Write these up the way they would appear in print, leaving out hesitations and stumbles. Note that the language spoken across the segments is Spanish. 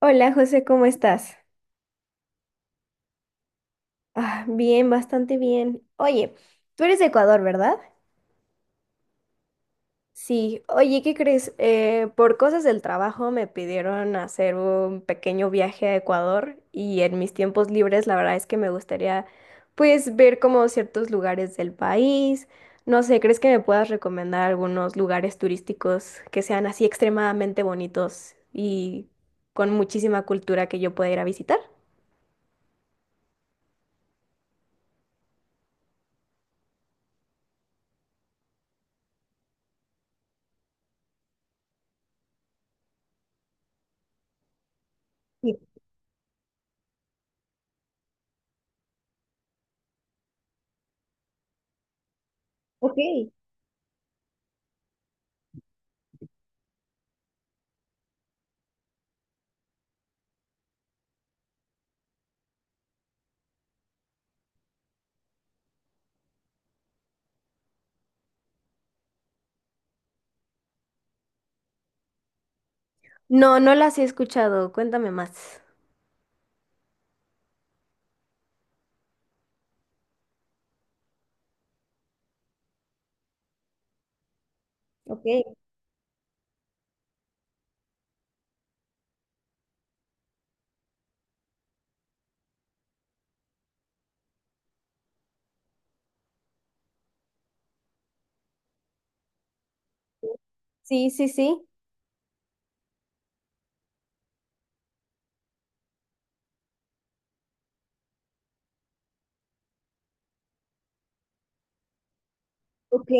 Hola José, ¿cómo estás? Ah, bien, bastante bien. Oye, tú eres de Ecuador, ¿verdad? Sí, oye, ¿qué crees? Por cosas del trabajo me pidieron hacer un pequeño viaje a Ecuador y en mis tiempos libres la verdad es que me gustaría pues ver como ciertos lugares del país. No sé, ¿crees que me puedas recomendar algunos lugares turísticos que sean así extremadamente bonitos y con muchísima cultura que yo pueda ir a visitar? Sí, ok. No, no las he escuchado. Cuéntame más. Ok, sí, sí, sí. Ok,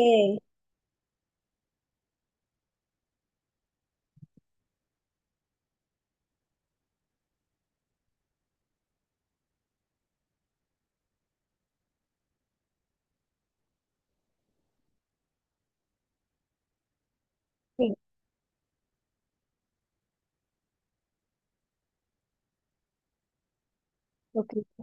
sí, ok.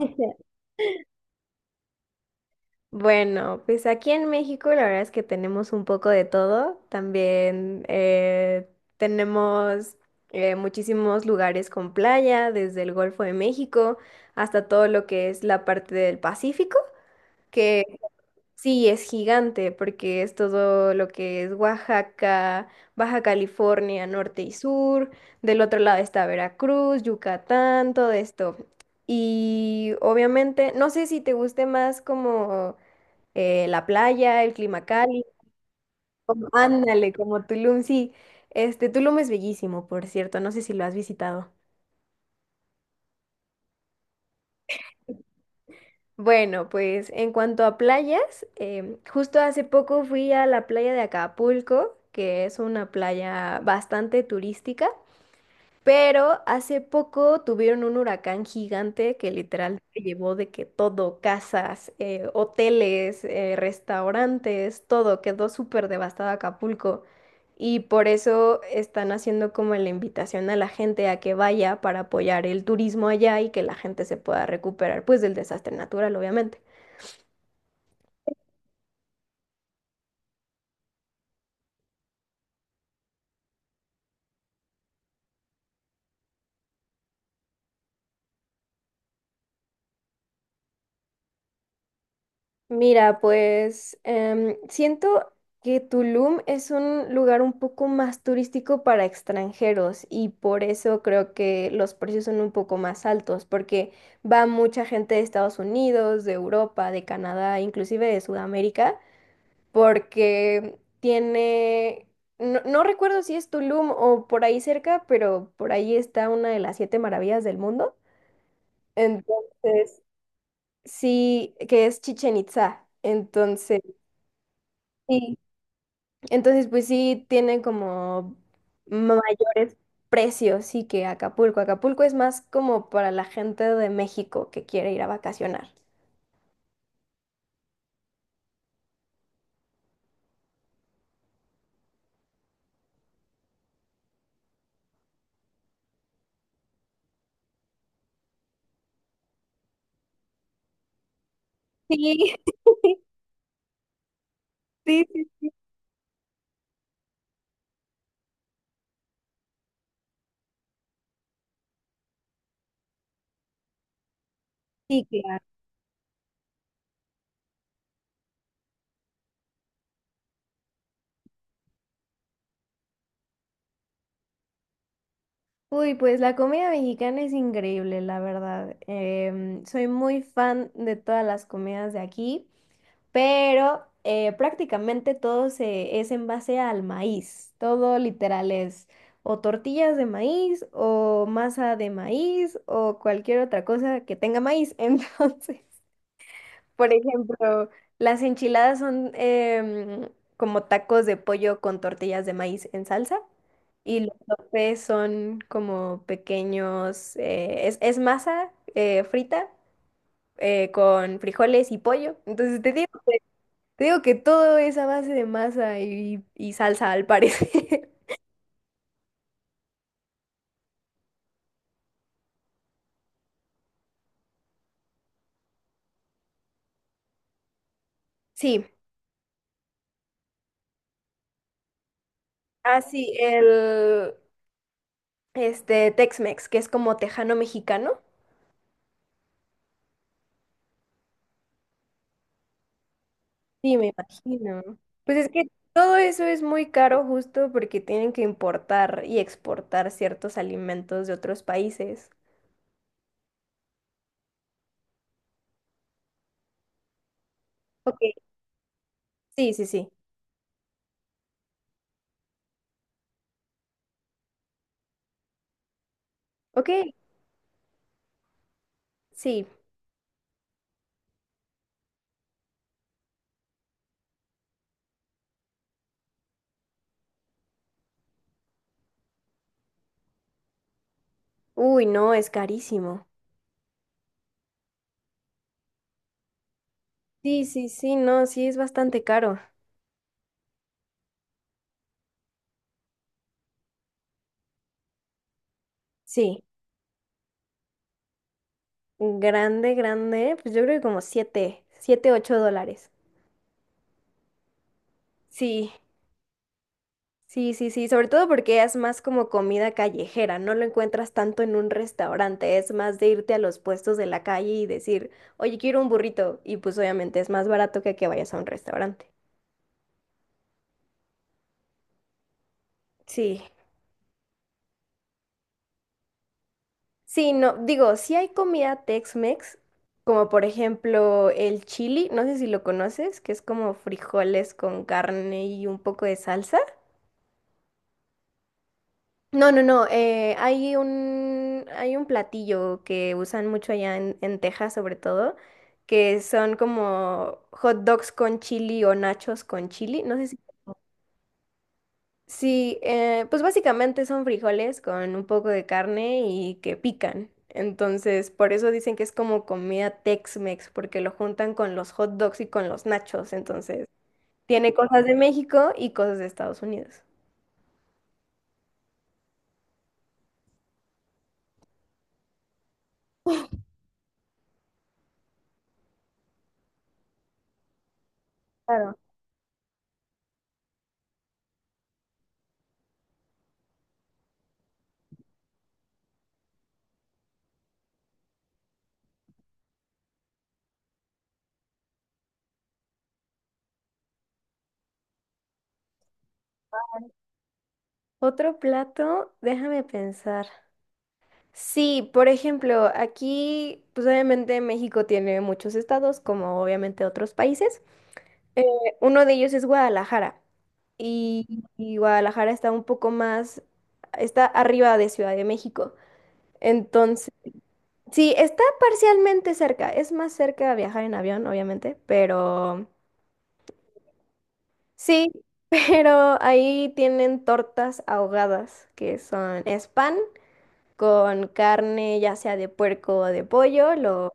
Bueno, pues aquí en México la verdad es que tenemos un poco de todo. También tenemos muchísimos lugares con playa, desde el Golfo de México hasta todo lo que es la parte del Pacífico, que sí, es gigante porque es todo lo que es Oaxaca, Baja California, norte y sur. Del otro lado está Veracruz, Yucatán, todo esto. Y obviamente, no sé si te guste más como la playa, el clima cálido. Ándale, como Tulum, sí. Este, Tulum es bellísimo, por cierto. No sé si lo has visitado. Bueno, pues en cuanto a playas, justo hace poco fui a la playa de Acapulco, que es una playa bastante turística, pero hace poco tuvieron un huracán gigante que literal se llevó de que todo, casas, hoteles, restaurantes, todo, quedó súper devastado Acapulco. Y por eso están haciendo como la invitación a la gente a que vaya para apoyar el turismo allá y que la gente se pueda recuperar, pues del desastre natural, obviamente. Mira, pues siento que Tulum es un lugar un poco más turístico para extranjeros y por eso creo que los precios son un poco más altos, porque va mucha gente de Estados Unidos, de Europa, de Canadá, inclusive de Sudamérica, porque tiene, no recuerdo si es Tulum o por ahí cerca, pero por ahí está una de las siete maravillas del mundo. Entonces, sí, que es Chichen Itzá. Entonces... Sí, entonces, pues sí, tiene como mayores precios, sí, que Acapulco. Acapulco es más como para la gente de México que quiere ir a vacacionar. Sí, sí, sí, sí, claro. Uy, pues la comida mexicana es increíble, la verdad. Em, soy muy fan de todas las comidas de aquí. Pero prácticamente es en base al maíz. Todo literal es o tortillas de maíz o masa de maíz o cualquier otra cosa que tenga maíz. Entonces, por ejemplo, las enchiladas son como tacos de pollo con tortillas de maíz en salsa. Y los sopes son como pequeños, es masa frita con frijoles y pollo. Entonces te digo que todo es a base de masa y salsa, al parecer. Sí. Ah, sí, el este Tex-Mex, que es como tejano mexicano. Sí, me imagino. Pues es que todo eso es muy caro justo porque tienen que importar y exportar ciertos alimentos de otros países. Ok, sí, sí, sí. Ok, sí. Uy, no, es carísimo. Sí, sí, sí, no, sí es bastante caro. Sí. Grande, grande, pues yo creo que como 7, 7, 8 dólares. Sí, sí, sí, sí, sobre todo porque es más como comida callejera, no lo encuentras tanto en un restaurante, es más de irte a los puestos de la calle y decir, oye, quiero un burrito, y pues obviamente es más barato que vayas a un restaurante. Sí, sí, no, digo, sí hay comida Tex-Mex, como por ejemplo el chili, no sé si lo conoces, que es como frijoles con carne y un poco de salsa. No, no, no. Hay un, hay un platillo que usan mucho allá en Texas, sobre todo, que son como hot dogs con chili o nachos con chili. No sé si... Sí, pues básicamente son frijoles con un poco de carne y que pican. Entonces, por eso dicen que es como comida Tex-Mex, porque lo juntan con los hot dogs y con los nachos. Entonces, tiene cosas de México y cosas de Estados Unidos. Claro. Otro plato, déjame pensar. Sí, por ejemplo, aquí, pues obviamente México tiene muchos estados, como obviamente otros países. Eh, Uno de ellos es Guadalajara y Guadalajara está un poco más, está arriba de Ciudad de México. Entonces, sí, está parcialmente cerca, es más cerca viajar en avión, obviamente, pero sí, pero ahí tienen tortas ahogadas, que son, es pan con carne, ya sea de puerco o de pollo, lo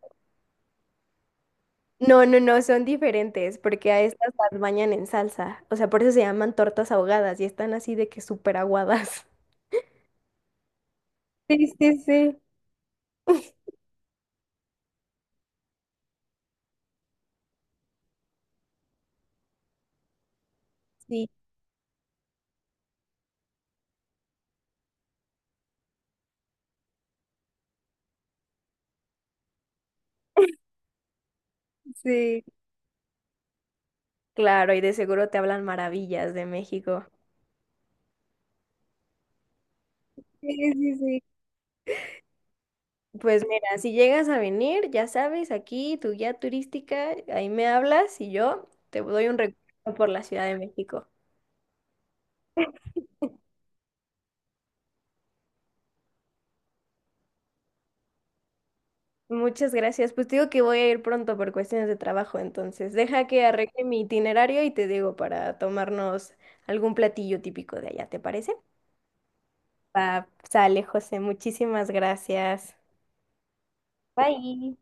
no, no, no, son diferentes, porque a estas las bañan en salsa. O sea, por eso se llaman tortas ahogadas y están así de que súper aguadas. Sí, sí, sí, sí. Sí, claro, y de seguro te hablan maravillas de México. Sí, sí, sí. Pues mira, si llegas a venir, ya sabes, aquí tu guía turística, ahí me hablas y yo te doy un recorrido por la Ciudad de México. Muchas gracias. Pues te digo que voy a ir pronto por cuestiones de trabajo, entonces deja que arregle mi itinerario y te digo para tomarnos algún platillo típico de allá, ¿te parece? Va, sale, José. Muchísimas gracias. Bye.